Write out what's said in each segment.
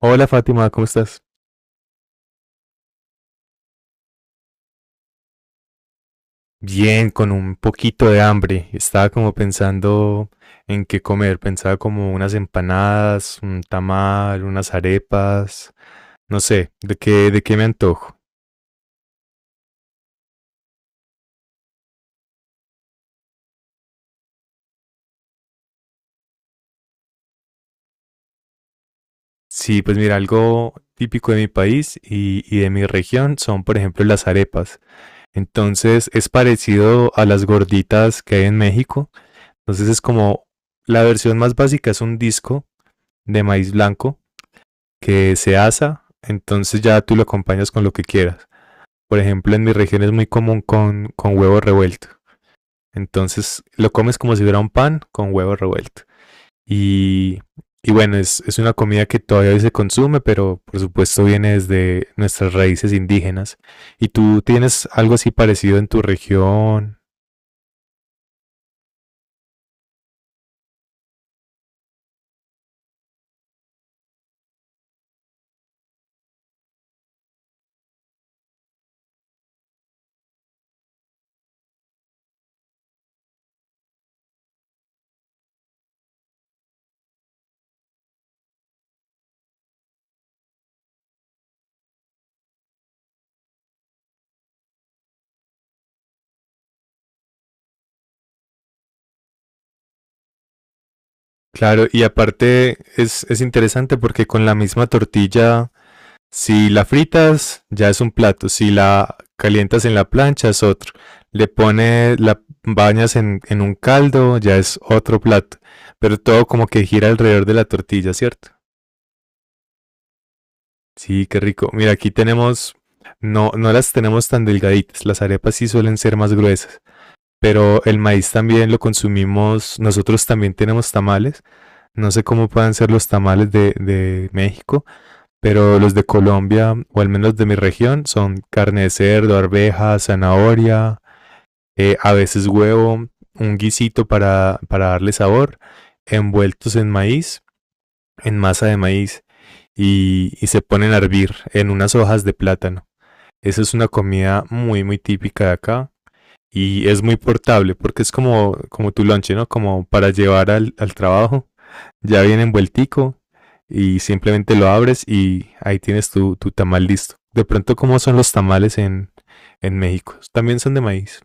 Hola Fátima, ¿cómo estás? Bien, con un poquito de hambre. Estaba como pensando en qué comer. Pensaba como unas empanadas, un tamal, unas arepas. No sé, ¿de qué me antojo? Sí, pues mira, algo típico de mi país y de mi región son, por ejemplo, las arepas. Entonces es parecido a las gorditas que hay en México. Entonces es como la versión más básica es un disco de maíz blanco que se asa, entonces ya tú lo acompañas con lo que quieras. Por ejemplo, en mi región es muy común con huevo revuelto. Entonces lo comes como si fuera un pan con huevo revuelto. Y, y bueno, es una comida que todavía hoy se consume, pero por supuesto viene desde nuestras raíces indígenas. ¿Y tú tienes algo así parecido en tu región? Claro, y aparte es interesante porque con la misma tortilla, si la fritas, ya es un plato. Si la calientas en la plancha, es otro. Le pones, la bañas en un caldo, ya es otro plato. Pero todo como que gira alrededor de la tortilla, ¿cierto? Sí, qué rico. Mira, aquí tenemos, no las tenemos tan delgaditas. Las arepas sí suelen ser más gruesas. Pero el maíz también lo consumimos. Nosotros también tenemos tamales. No sé cómo puedan ser los tamales de México. Pero los de Colombia, o al menos de mi región, son carne de cerdo, arveja, zanahoria, a veces huevo, un guisito para darle sabor, envueltos en maíz, en masa de maíz, y se ponen a hervir en unas hojas de plátano. Esa es una comida muy, muy típica de acá y es muy portable porque es como, como tu lonche, ¿no? Como para llevar al trabajo. Ya viene envueltico, y simplemente lo abres y ahí tienes tu, tu tamal listo. De pronto, ¿cómo son los tamales en México? También son de maíz.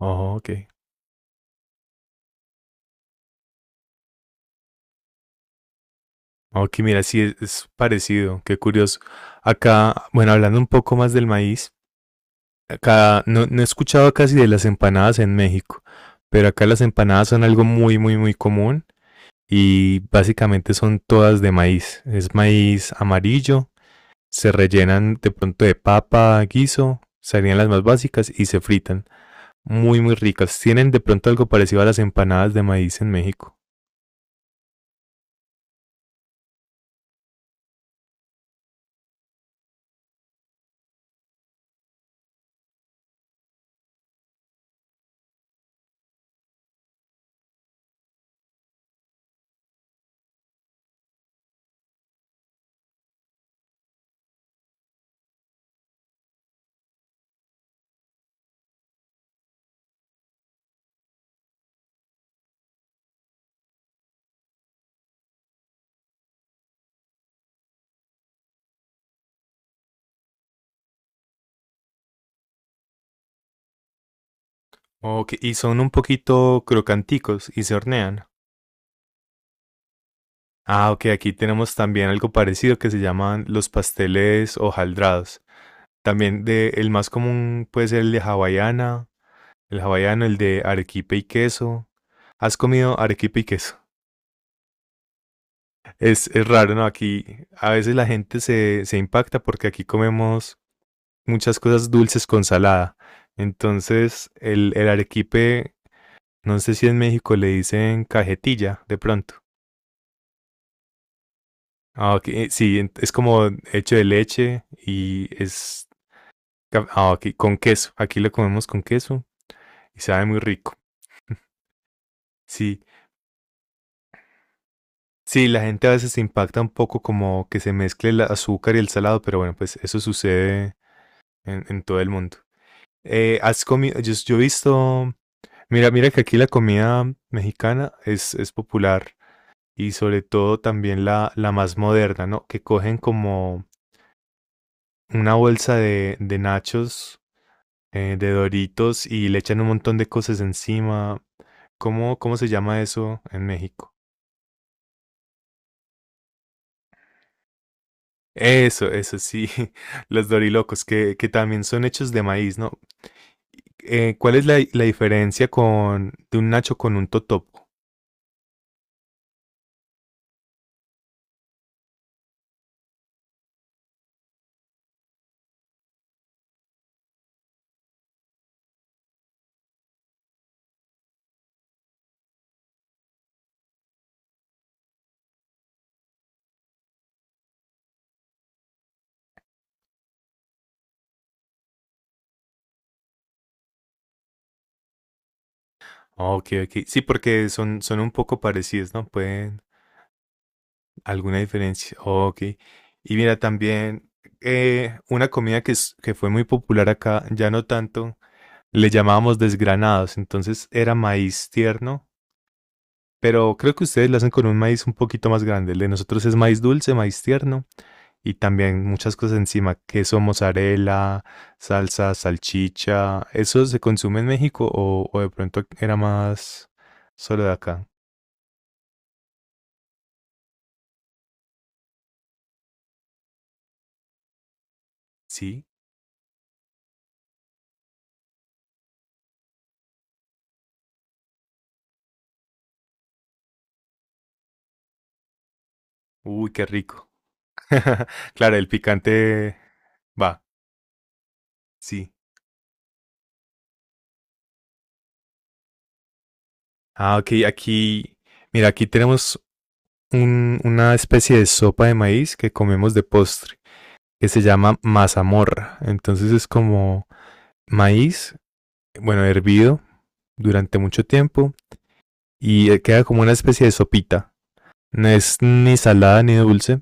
Oh, ok. Ok, mira, sí, es parecido, qué curioso. Acá, bueno, hablando un poco más del maíz, acá no he escuchado casi de las empanadas en México, pero acá las empanadas son algo muy, muy, muy común y básicamente son todas de maíz. Es maíz amarillo, se rellenan de pronto de papa, guiso, serían las más básicas y se fritan. Muy, muy ricas. Tienen de pronto algo parecido a las empanadas de maíz en México. Ok, y son un poquito crocanticos y se hornean. Ah, ok, aquí tenemos también algo parecido que se llaman los pasteles hojaldrados. También de, el más común puede ser el de hawaiana, el hawaiano, el de arequipe y queso. ¿Has comido arequipe y queso? Es raro, ¿no? Aquí a veces la gente se, se impacta porque aquí comemos muchas cosas dulces con salada. Entonces, el arequipe. No sé si en México le dicen cajetilla de pronto. Ah, ok, sí, es como hecho de leche y es ca- ah, ok, con queso. Aquí lo comemos con queso y sabe muy rico. Sí, sí, la gente a veces se impacta un poco como que se mezcle el azúcar y el salado, pero bueno, pues eso sucede en todo el mundo. Has comido, yo he visto, mira, mira que aquí la comida mexicana es popular y sobre todo también la más moderna, ¿no? Que cogen como una bolsa de nachos, de doritos y le echan un montón de cosas encima. ¿Cómo, cómo se llama eso en México? Eso sí, los dorilocos, que también son hechos de maíz, ¿no? ¿Cuál es la, la diferencia con, de un nacho con un totopo? Ok, ok. Sí, porque son, son un poco parecidos, ¿no? Pueden, alguna diferencia. Ok. Y mira, también una comida que, es- que fue muy popular acá, ya no tanto, le llamábamos desgranados, entonces era maíz tierno, pero creo que ustedes lo hacen con un maíz un poquito más grande. El de nosotros es maíz dulce, maíz tierno y también muchas cosas encima, queso, mozzarella, salsa, salchicha. ¿Eso se consume en México o de pronto era más solo de acá? Sí. Uy, qué rico. Claro, el picante va, sí. Ah, ok, aquí, mira, aquí tenemos un- una especie de sopa de maíz que comemos de postre, que se llama mazamorra. Entonces es como maíz, bueno, hervido durante mucho tiempo y queda como una especie de sopita. No es ni salada ni dulce,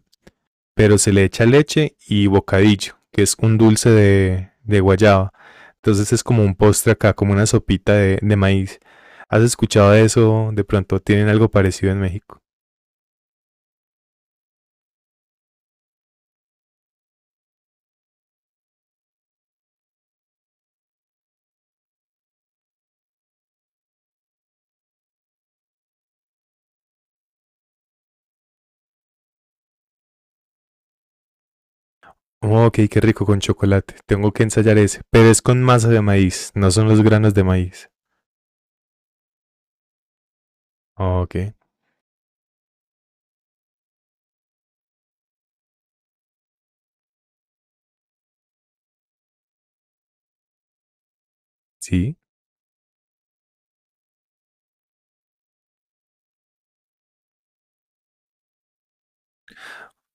pero se le echa leche y bocadillo, que es un dulce de guayaba. Entonces es como un postre acá, como una sopita de maíz. ¿Has escuchado de eso? De pronto tienen algo parecido en México. Oh, ok, qué rico con chocolate. Tengo que ensayar ese. Pero es con masa de maíz, no son los granos de maíz. Oh, ok. Sí.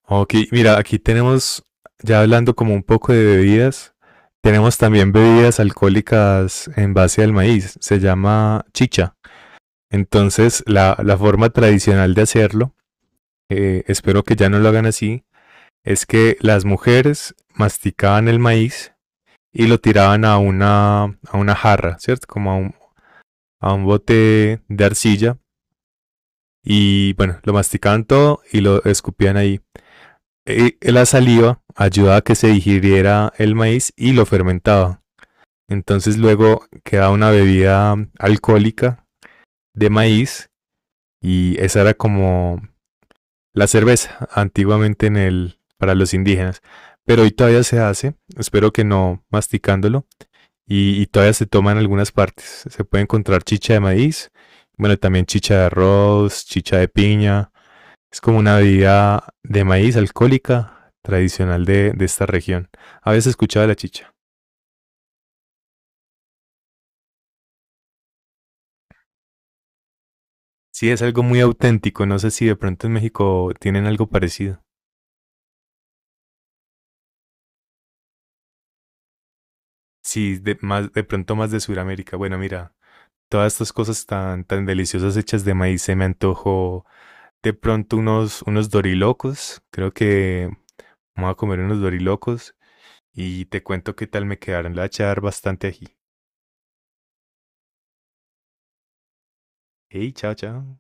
Ok, mira, aquí tenemos, ya hablando como un poco de bebidas, tenemos también bebidas alcohólicas en base al maíz. Se llama chicha. Entonces, la forma tradicional de hacerlo, espero que ya no lo hagan así, es que las mujeres masticaban el maíz y lo tiraban a una jarra, ¿cierto? Como a un bote de arcilla y bueno, lo masticaban todo y lo escupían ahí. La saliva ayudaba a que se digiriera el maíz y lo fermentaba. Entonces luego quedaba una bebida alcohólica de maíz y esa era como la cerveza antiguamente en el, para los indígenas. Pero hoy todavía se hace, espero que no masticándolo, y todavía se toma en algunas partes. Se puede encontrar chicha de maíz, bueno, también chicha de arroz, chicha de piña, es como una bebida de maíz alcohólica tradicional de esta región. Habías escuchado de la chicha. Sí, es algo muy auténtico. No sé si de pronto en México tienen algo parecido. Sí, de, más, de pronto más de Sudamérica. Bueno, mira, todas estas cosas tan, tan deliciosas hechas de maíz se me antojó de pronto unos, unos dorilocos. Creo que vamos a comer unos dorilocos y te cuento qué tal me quedaron. Le voy a echar bastante ají. Hey, chao, chao.